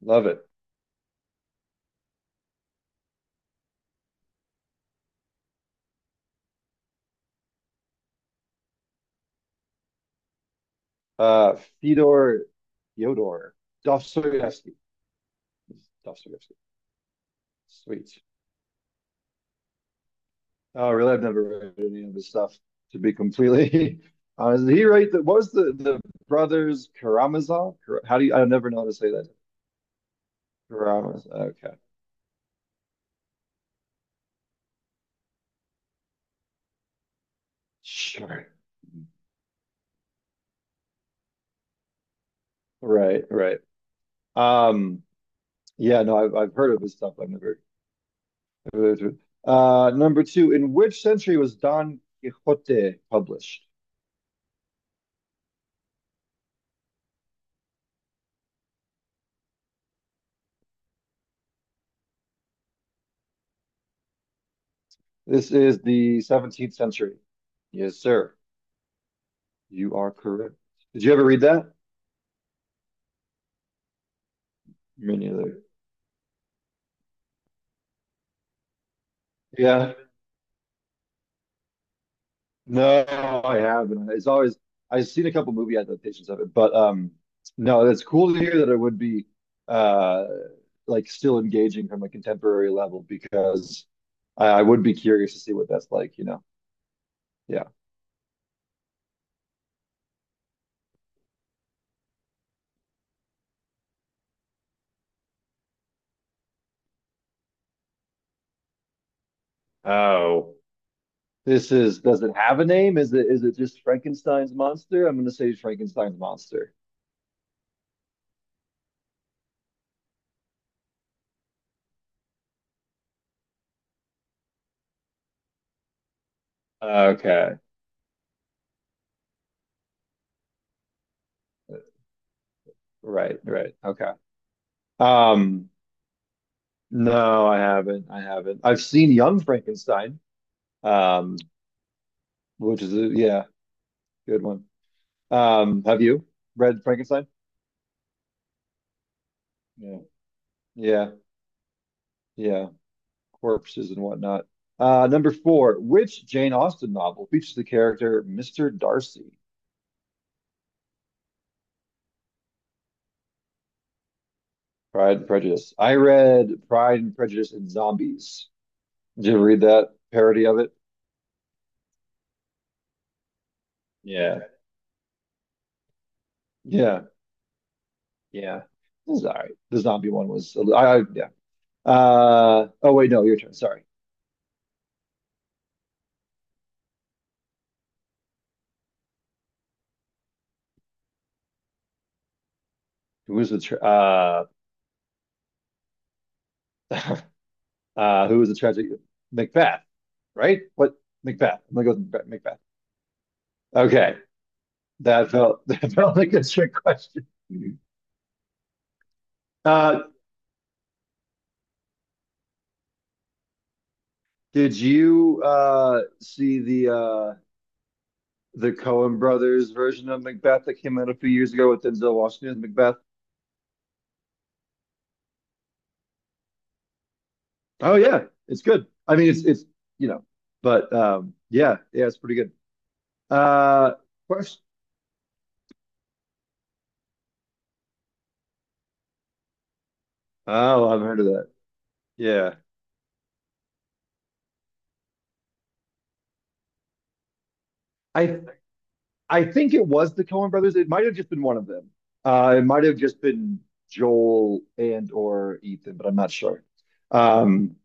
Love it. Uh, Fyodor Fyodor Dostoevsky. Dostoevsky. Sweet. Oh, I really? I've never read any of his stuff. To be completely honest, did he write the what was the brothers Karamazov? How do you? I never know how to say that. Karamazov. Okay. Sure. Right. Right. Um. Yeah. No, I've heard of his stuff. I've never. Heard of it. Number two. In which century was Don Quixote published? This is the 17th century. Yes, sir. You are correct. Did you ever read that? Me neither. Yeah. No, I haven't. It's always I've seen a couple movie adaptations of it, but no, it's cool to hear that it would be uh like still engaging from a contemporary level because I would be curious to see what that's like, you know. Yeah. Oh, this is does it have a name? Is it just Frankenstein's monster? I'm gonna say Frankenstein's monster. Okay. Right, right. Okay. Um, no, I haven't. I haven't. I've seen Young Frankenstein, um, which is a yeah, good one. Have you read Frankenstein? Yeah. Yeah, yeah. Corpses and whatnot. Number four, which Jane Austen novel features the character Mr. Darcy? Pride and Prejudice. I read Pride and Prejudice and Zombies. Did you ever read that parody of it? Yeah. Yeah. Yeah. It was all right. The zombie one was, I yeah. Oh wait, no, your turn. Sorry. Who was the tra uh who was the tragic Macbeth, right? What Macbeth? I'm gonna go with Macbeth. Macbeth. Okay, that felt that felt like a trick question. Uh, did you see the Coen Brothers version of Macbeth that came out a few years ago with Denzel Washington Macbeth? Oh yeah, it's good. I mean, it's you know, but yeah, yeah, it's pretty good. Uh, question. Oh, I've heard of that. Yeah. I I think it was the Coen brothers. It might have just been one of them. It might have just been Joel and or Ethan, but I'm not sure. Um,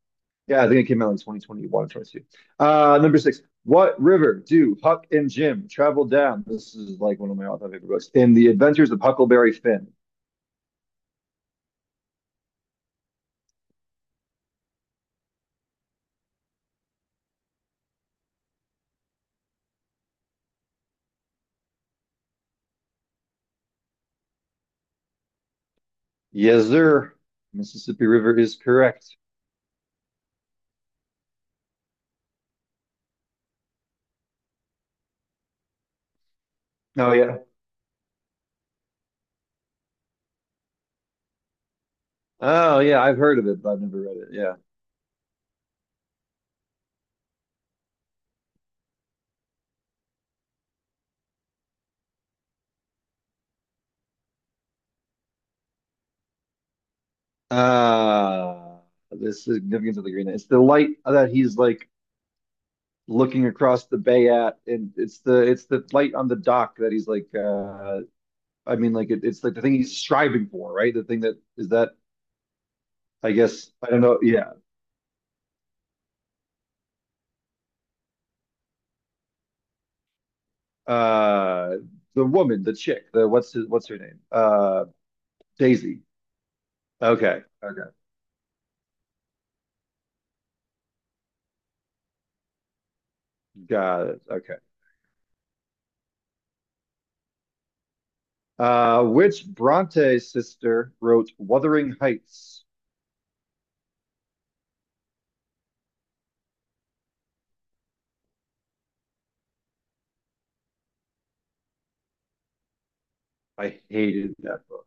yeah, I think it came out in 2021 or 22. Number six. What river do Huck and Jim travel down? This is like one of my all-time favorite books. In The Adventures of Huckleberry Finn. Yes, sir. Mississippi River is correct. Oh yeah. Oh yeah, I've heard of it, but I've never read it. Yeah. Uh the significance of the green. It's the light that he's like looking across the bay at, and it's the light on the dock that he's like. I mean, like it's like the thing he's striving for, right? The thing that is that I guess I don't know. Yeah, uh, the woman, the chick, what's her name? Daisy. Okay, okay, got it. Okay. Which Bronte sister wrote *Wuthering Heights*? I hated that book.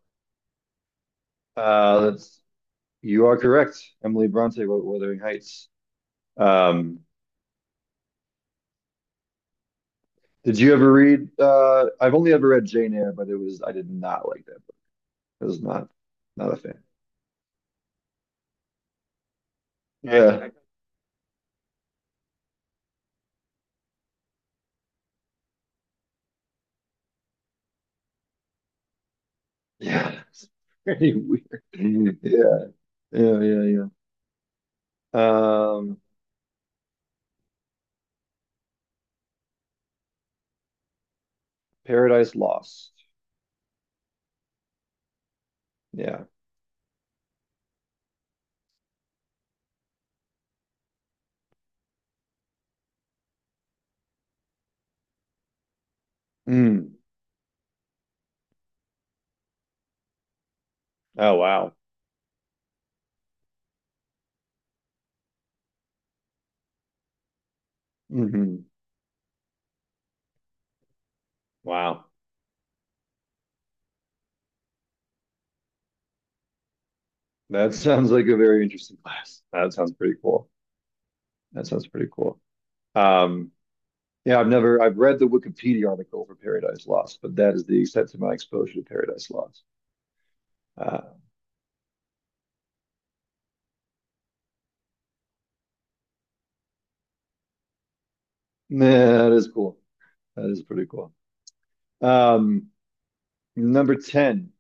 That's you are correct. Emily Bronte wrote *Wuthering Heights*. Um, Did you ever read? I've only ever read Jane Eyre, but it was I did not like that book. I was not a fan. Yeah, yeah, it's pretty weird. Yeah, yeah, yeah, yeah. Um, Paradise Lost. Yeah. Mm. Oh wow. Hmm. Wow. That sounds like a very interesting class. That sounds pretty cool. That sounds pretty cool. Um, yeah, I've never I've read the Wikipedia article for Paradise Lost, but that is the extent of my exposure to Paradise Lost. Uh, man, that is cool. That is pretty cool. Um, number 10.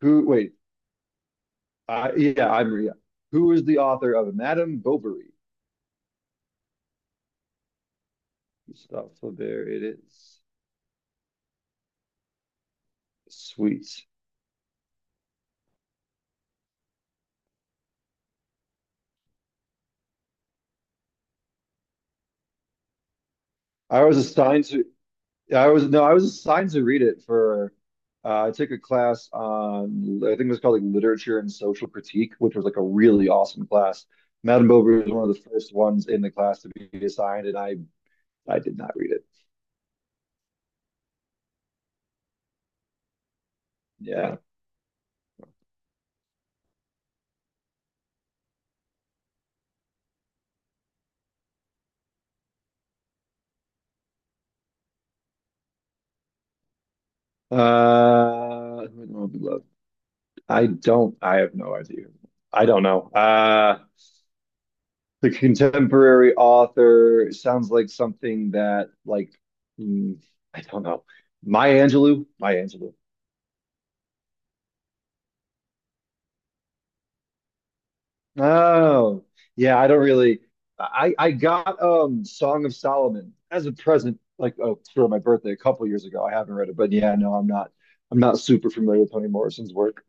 Who, wait, yeah, I'm Maria. Who is the author of Madame Bovary? Gustave Flaubert, it is. Sweet. I was assigned to, I was, no, I was assigned to read it for, I took a class on, I think it was called like Literature and Social Critique, which was like a really awesome class. Madame Bovary was one of the first ones in the class to be assigned, and I did not read it. Yeah. Who would Love? I have no idea. I don't know. The contemporary author sounds like something that, like, mm, I don't know. Maya Angelou? Maya Angelou. Oh, yeah, I don't really. I got Song of Solomon as a present, like oh, for my birthday a couple years ago. I haven't read it, but yeah, no, I'm not. I'm not super familiar with Toni Morrison's work.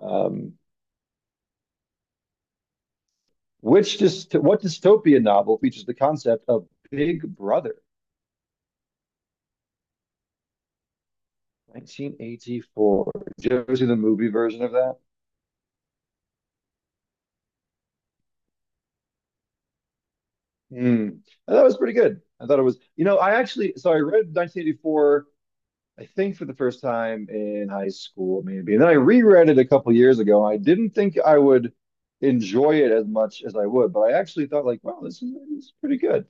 Um, which just what dystopian novel features the concept of Big Brother? 1984. Did you ever see the movie version of that? Hmm. I thought it was pretty good. I thought it was, you know, I actually, so I read 1984, I think for the first time in high school, maybe. And then I reread it a couple years ago. I didn't think I would enjoy it as much as I would, but I actually thought like, wow, this is pretty good.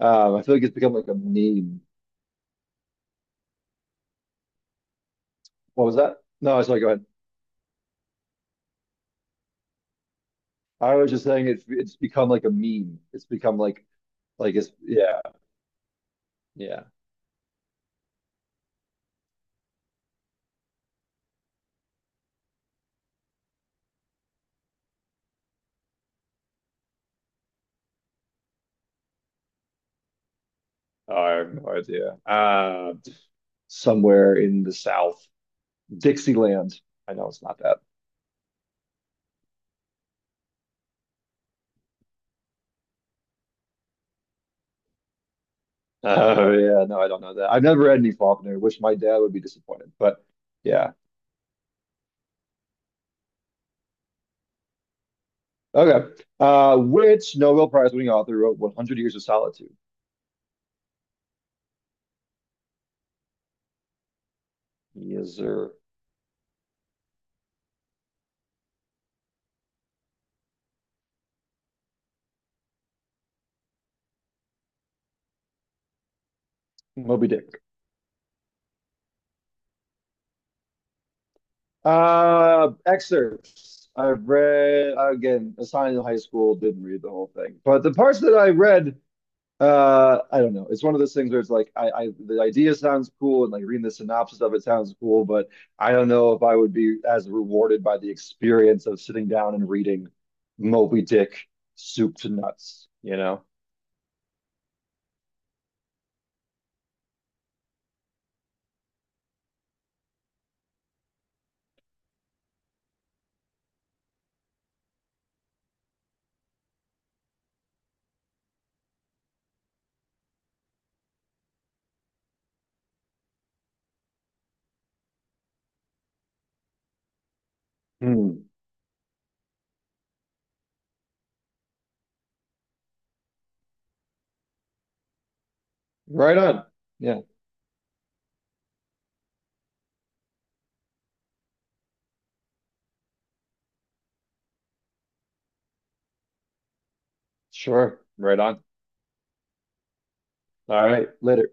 I feel like it's become like a meme. What was that? No, sorry, go ahead. I was just saying it's become like a meme. It's become like it's yeah, yeah. Oh, I have no idea. Somewhere in the South. Dixieland. I know it's not that. Oh, yeah. No, I don't know that. I've never read any Faulkner, wish my dad would be disappointed. But yeah. Okay. Which Nobel Prize winning author wrote 100 Years of Solitude? Yes, sir. Moby Dick. Excerpts. I've read, again, assigned in high school, didn't read the whole thing. But the parts that I read, uh, I don't know. It's one of those things where it's like I the idea sounds cool and like reading the synopsis of it sounds cool, but I don't know if I would be as rewarded by the experience of sitting down and reading Moby Dick soup to nuts, you know? Hmm. Right on. Yeah, sure. Right on. All right, later.